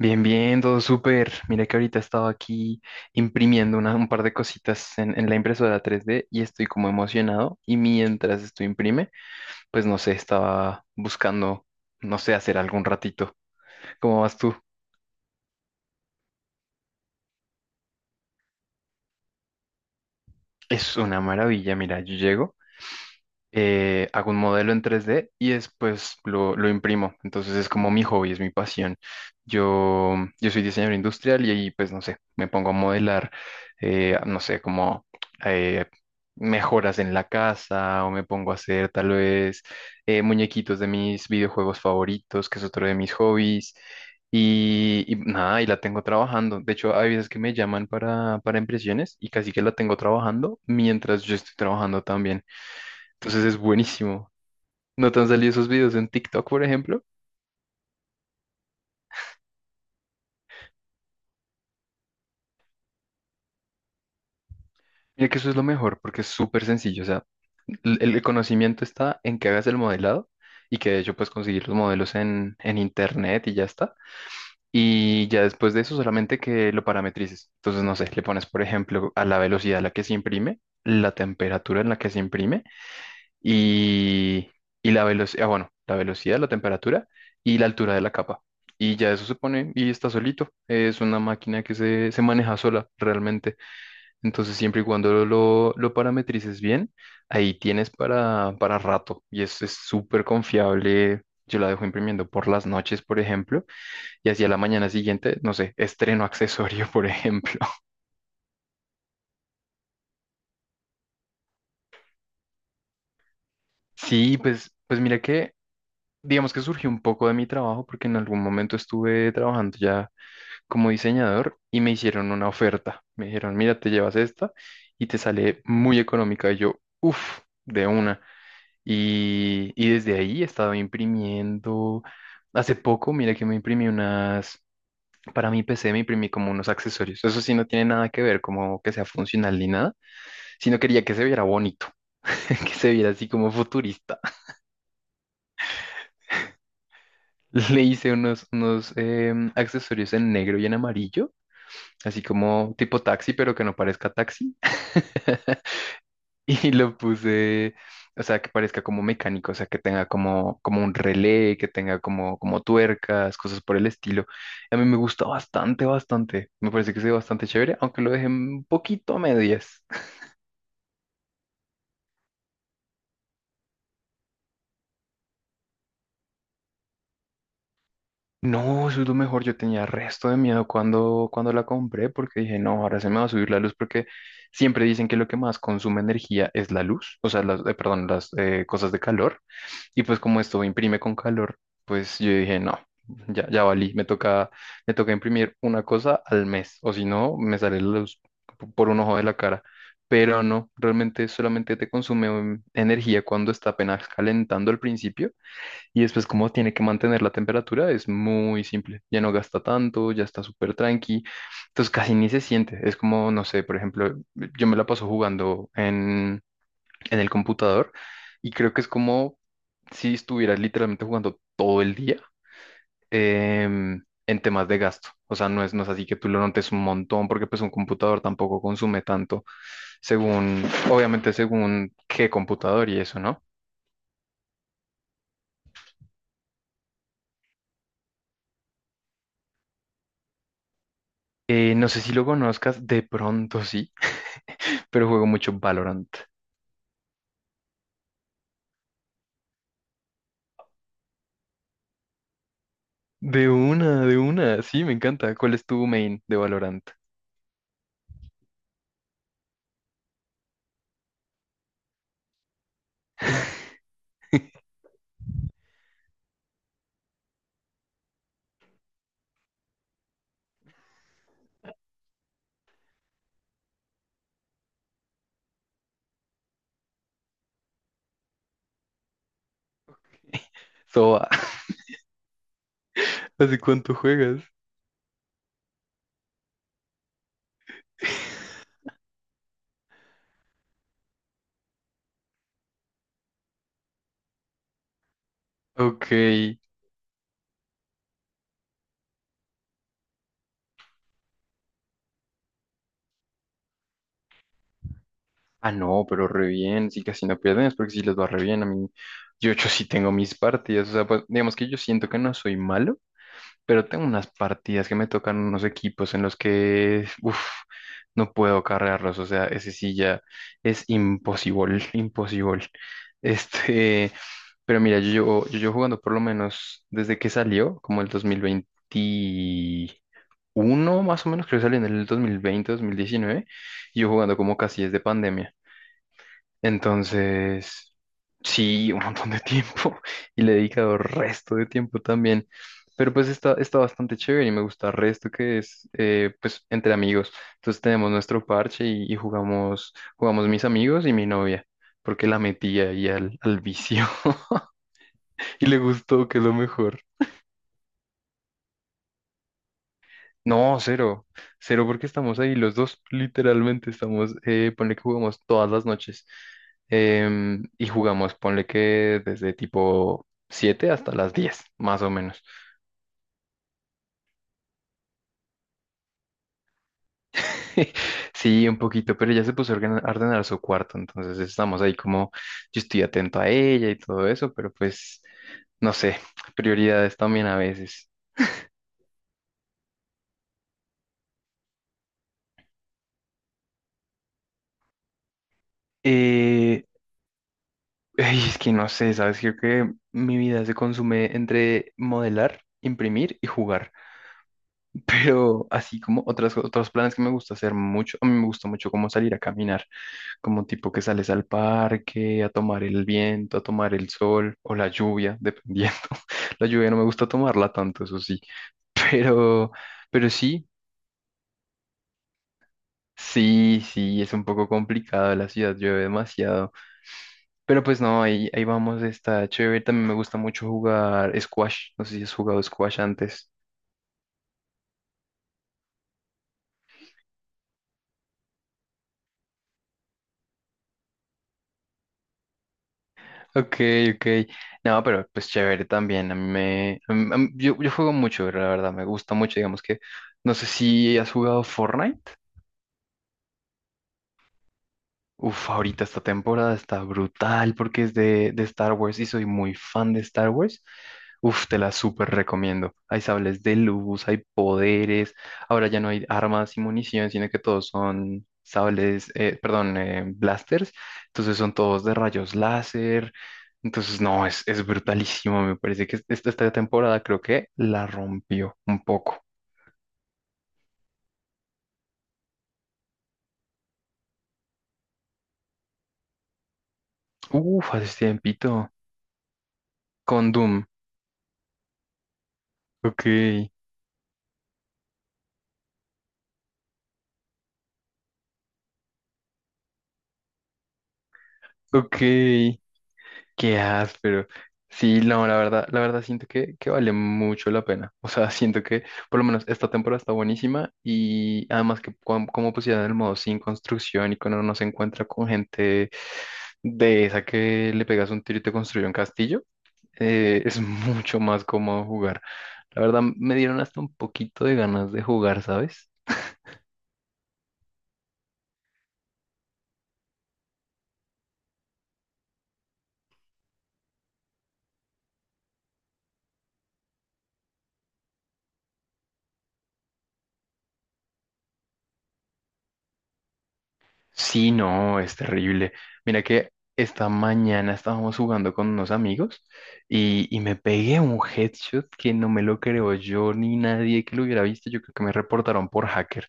Bien, bien, todo súper. Mira que ahorita estaba aquí imprimiendo un par de cositas en la impresora 3D y estoy como emocionado. Y mientras esto imprime, pues no sé, estaba buscando, no sé, hacer algún ratito. ¿Cómo vas tú? Es una maravilla, mira, yo llego. Hago un modelo en 3D y después lo imprimo. Entonces es como mi hobby, es mi pasión. Yo soy diseñador industrial y ahí, pues, no sé, me pongo a modelar, no sé, como eh, mejoras en la casa o me pongo a hacer tal vez muñequitos de mis videojuegos favoritos, que es otro de mis hobbies. Y nada, y la tengo trabajando. De hecho, hay veces que me llaman para impresiones y casi que la tengo trabajando mientras yo estoy trabajando, entonces es buenísimo. ¿No te han salido esos videos en TikTok, por ejemplo? Mira que eso es lo mejor porque es súper sencillo. O sea, el conocimiento está en que hagas el modelado y que de hecho puedes conseguir los modelos en internet y ya está. Y ya después de eso solamente que lo parametrices. Entonces, no sé, le pones, por ejemplo, a la velocidad a la que se imprime, la temperatura en la que se imprime y, y la velocidad, bueno, la velocidad, la temperatura y la altura de la capa. Y ya eso se pone y está solito. Es una máquina que se maneja sola realmente. Entonces, siempre y cuando lo parametrices bien, ahí tienes para rato. Y es súper confiable. Yo la dejo imprimiendo por las noches, por ejemplo, y hacia la mañana siguiente, no sé, estreno accesorio, por ejemplo. Sí, pues, pues mira que, digamos que surgió un poco de mi trabajo, porque en algún momento estuve trabajando ya como diseñador y me hicieron una oferta. Me dijeron, mira, te llevas esta y te sale muy económica. Y yo, uff, de una. Y desde ahí he estado imprimiendo. Hace poco, mira que me imprimí unas, para mi PC me imprimí como unos accesorios. Eso sí no tiene nada que ver como que sea funcional ni nada, sino quería que se viera bonito, que se viera así como futurista. Le hice unos, accesorios en negro y en amarillo así como tipo taxi, pero que no parezca taxi. Y lo puse, o sea, que parezca como mecánico, o sea, que tenga como, como un relé, que tenga como, como tuercas, cosas por el estilo. A mí me gusta bastante, bastante. Me parece que se ve bastante chévere, aunque lo dejé un poquito a medias. No, eso es lo mejor. Yo tenía resto de miedo cuando la compré porque dije, no, ahora se me va a subir la luz porque siempre dicen que lo que más consume energía es la luz, o sea, las, perdón, las cosas de calor. Y pues como esto imprime con calor, pues yo dije, no, ya valí, me toca imprimir una cosa al mes, o si no, me sale la luz por un ojo de la cara. Pero no, realmente solamente te consume energía cuando está apenas calentando al principio y después como tiene que mantener la temperatura es muy simple, ya no gasta tanto, ya está súper tranqui, entonces casi ni se siente, es como, no sé, por ejemplo, yo me la paso jugando en el computador y creo que es como si estuvieras literalmente jugando todo el día en temas de gasto. O sea, no es, no es así que tú lo notes un montón porque pues un computador tampoco consume tanto según, obviamente según qué computador y eso, ¿no? No sé si lo conozcas, de pronto sí, pero juego mucho Valorant. De una, sí, me encanta. ¿Cuál es tu main de Valorant? Soba, ¿hace cuánto juegas? Ok. Ah, no, pero re bien, sí casi no pierden, es porque sí les va re bien a mí. Yo sí tengo mis partidas, o sea, pues, digamos que yo siento que no soy malo, pero tengo unas partidas que me tocan unos equipos en los que, uff, no puedo cargarlos, o sea, ese sí ya es imposible, imposible. Este, pero mira, yo llevo jugando por lo menos desde que salió, como el 2021, más o menos, creo que salió en el 2020, 2019, y yo jugando como casi desde pandemia. Entonces, sí, un montón de tiempo y le he dedicado resto de tiempo también. Pero pues está, está bastante chévere y me gusta resto que es pues entre amigos. Entonces tenemos nuestro parche y jugamos, jugamos mis amigos y mi novia, porque la metía ahí al vicio y le gustó, que es lo mejor. No, cero. Cero porque estamos ahí los dos, literalmente estamos, ponle que jugamos todas las noches. Y jugamos, ponle que desde tipo 7 hasta las 10 más o menos. Sí, un poquito, pero ella se puso a a ordenar su cuarto, entonces estamos ahí como, yo estoy atento a ella y todo eso, pero pues, no sé, prioridades también a veces. Eh, Ay, es que no sé, ¿sabes? Creo que mi vida se consume entre modelar, imprimir y jugar. Pero así como otras, otros planes que me gusta hacer mucho, a mí me gusta mucho como salir a caminar, como tipo que sales al parque, a tomar el viento, a tomar el sol o la lluvia, dependiendo. La lluvia no me gusta tomarla tanto, eso sí. Pero, pero sí, sí, sí, es un poco complicado, la ciudad llueve demasiado. Pero pues no, ahí, ahí vamos, está chévere. También me gusta mucho jugar squash, no sé si has jugado squash antes. Ok, ok. No, pero pues chévere también. A mí me... a mí- Yo juego mucho, la verdad. Me gusta mucho. Digamos que... No sé si has jugado Fortnite. Uf, ahorita esta temporada está brutal porque es de Star Wars y soy muy fan de Star Wars. Uf, te la súper recomiendo. Hay sables de luz, hay poderes. Ahora ya no hay armas y munición, sino que todos son sables, perdón, blasters. Entonces son todos de rayos láser. Entonces, no, es brutalísimo. Me parece que esta temporada creo que la rompió un poco. Uf, hace tiempito. Con Doom. Ok, ok. Qué áspero. Sí, no, la verdad siento que vale mucho la pena. O sea, siento que por lo menos esta temporada está buenísima y además que como pusieron el modo sin construcción y cuando uno se encuentra con gente de esa que le pegas un tiro y te construye un castillo, es mucho más cómodo jugar. La verdad, me dieron hasta un poquito de ganas de jugar, ¿sabes? Sí, no, es terrible. Mira que esta mañana estábamos jugando con unos amigos y me pegué un headshot que no me lo creo yo ni nadie que lo hubiera visto. Yo creo que me reportaron por hacker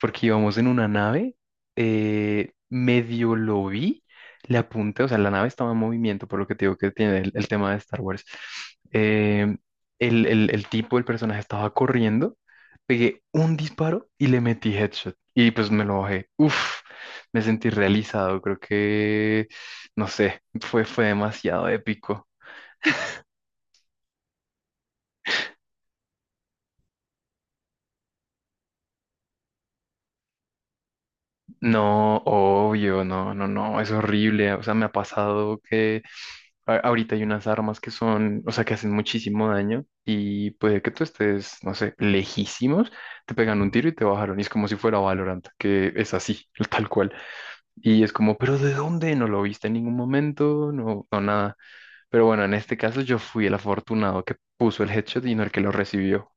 porque íbamos en una nave, medio lo vi, le apunté, o sea, la nave estaba en movimiento, por lo que te digo que tiene el tema de Star Wars. Eh, el tipo, el personaje estaba corriendo, pegué un disparo y le metí headshot. Y pues me lo bajé. Uf, me sentí realizado, creo que, no sé, fue, fue demasiado épico. No, obvio, no, no, no, es horrible. O sea, me ha pasado que ahorita hay unas armas que son, o sea, que hacen muchísimo daño y puede que tú estés, no sé, lejísimos, te pegan un tiro y te bajaron. Y es como si fuera Valorant, que es así, tal cual. Y es como, ¿pero de dónde? No lo viste en ningún momento, no, no nada. Pero bueno, en este caso yo fui el afortunado que puso el headshot y no el que lo recibió.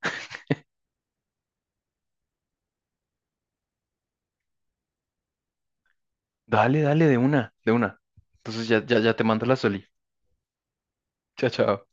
Dale, dale, de una, de una. Entonces ya, ya, ya te mando la soli. Chao, chao.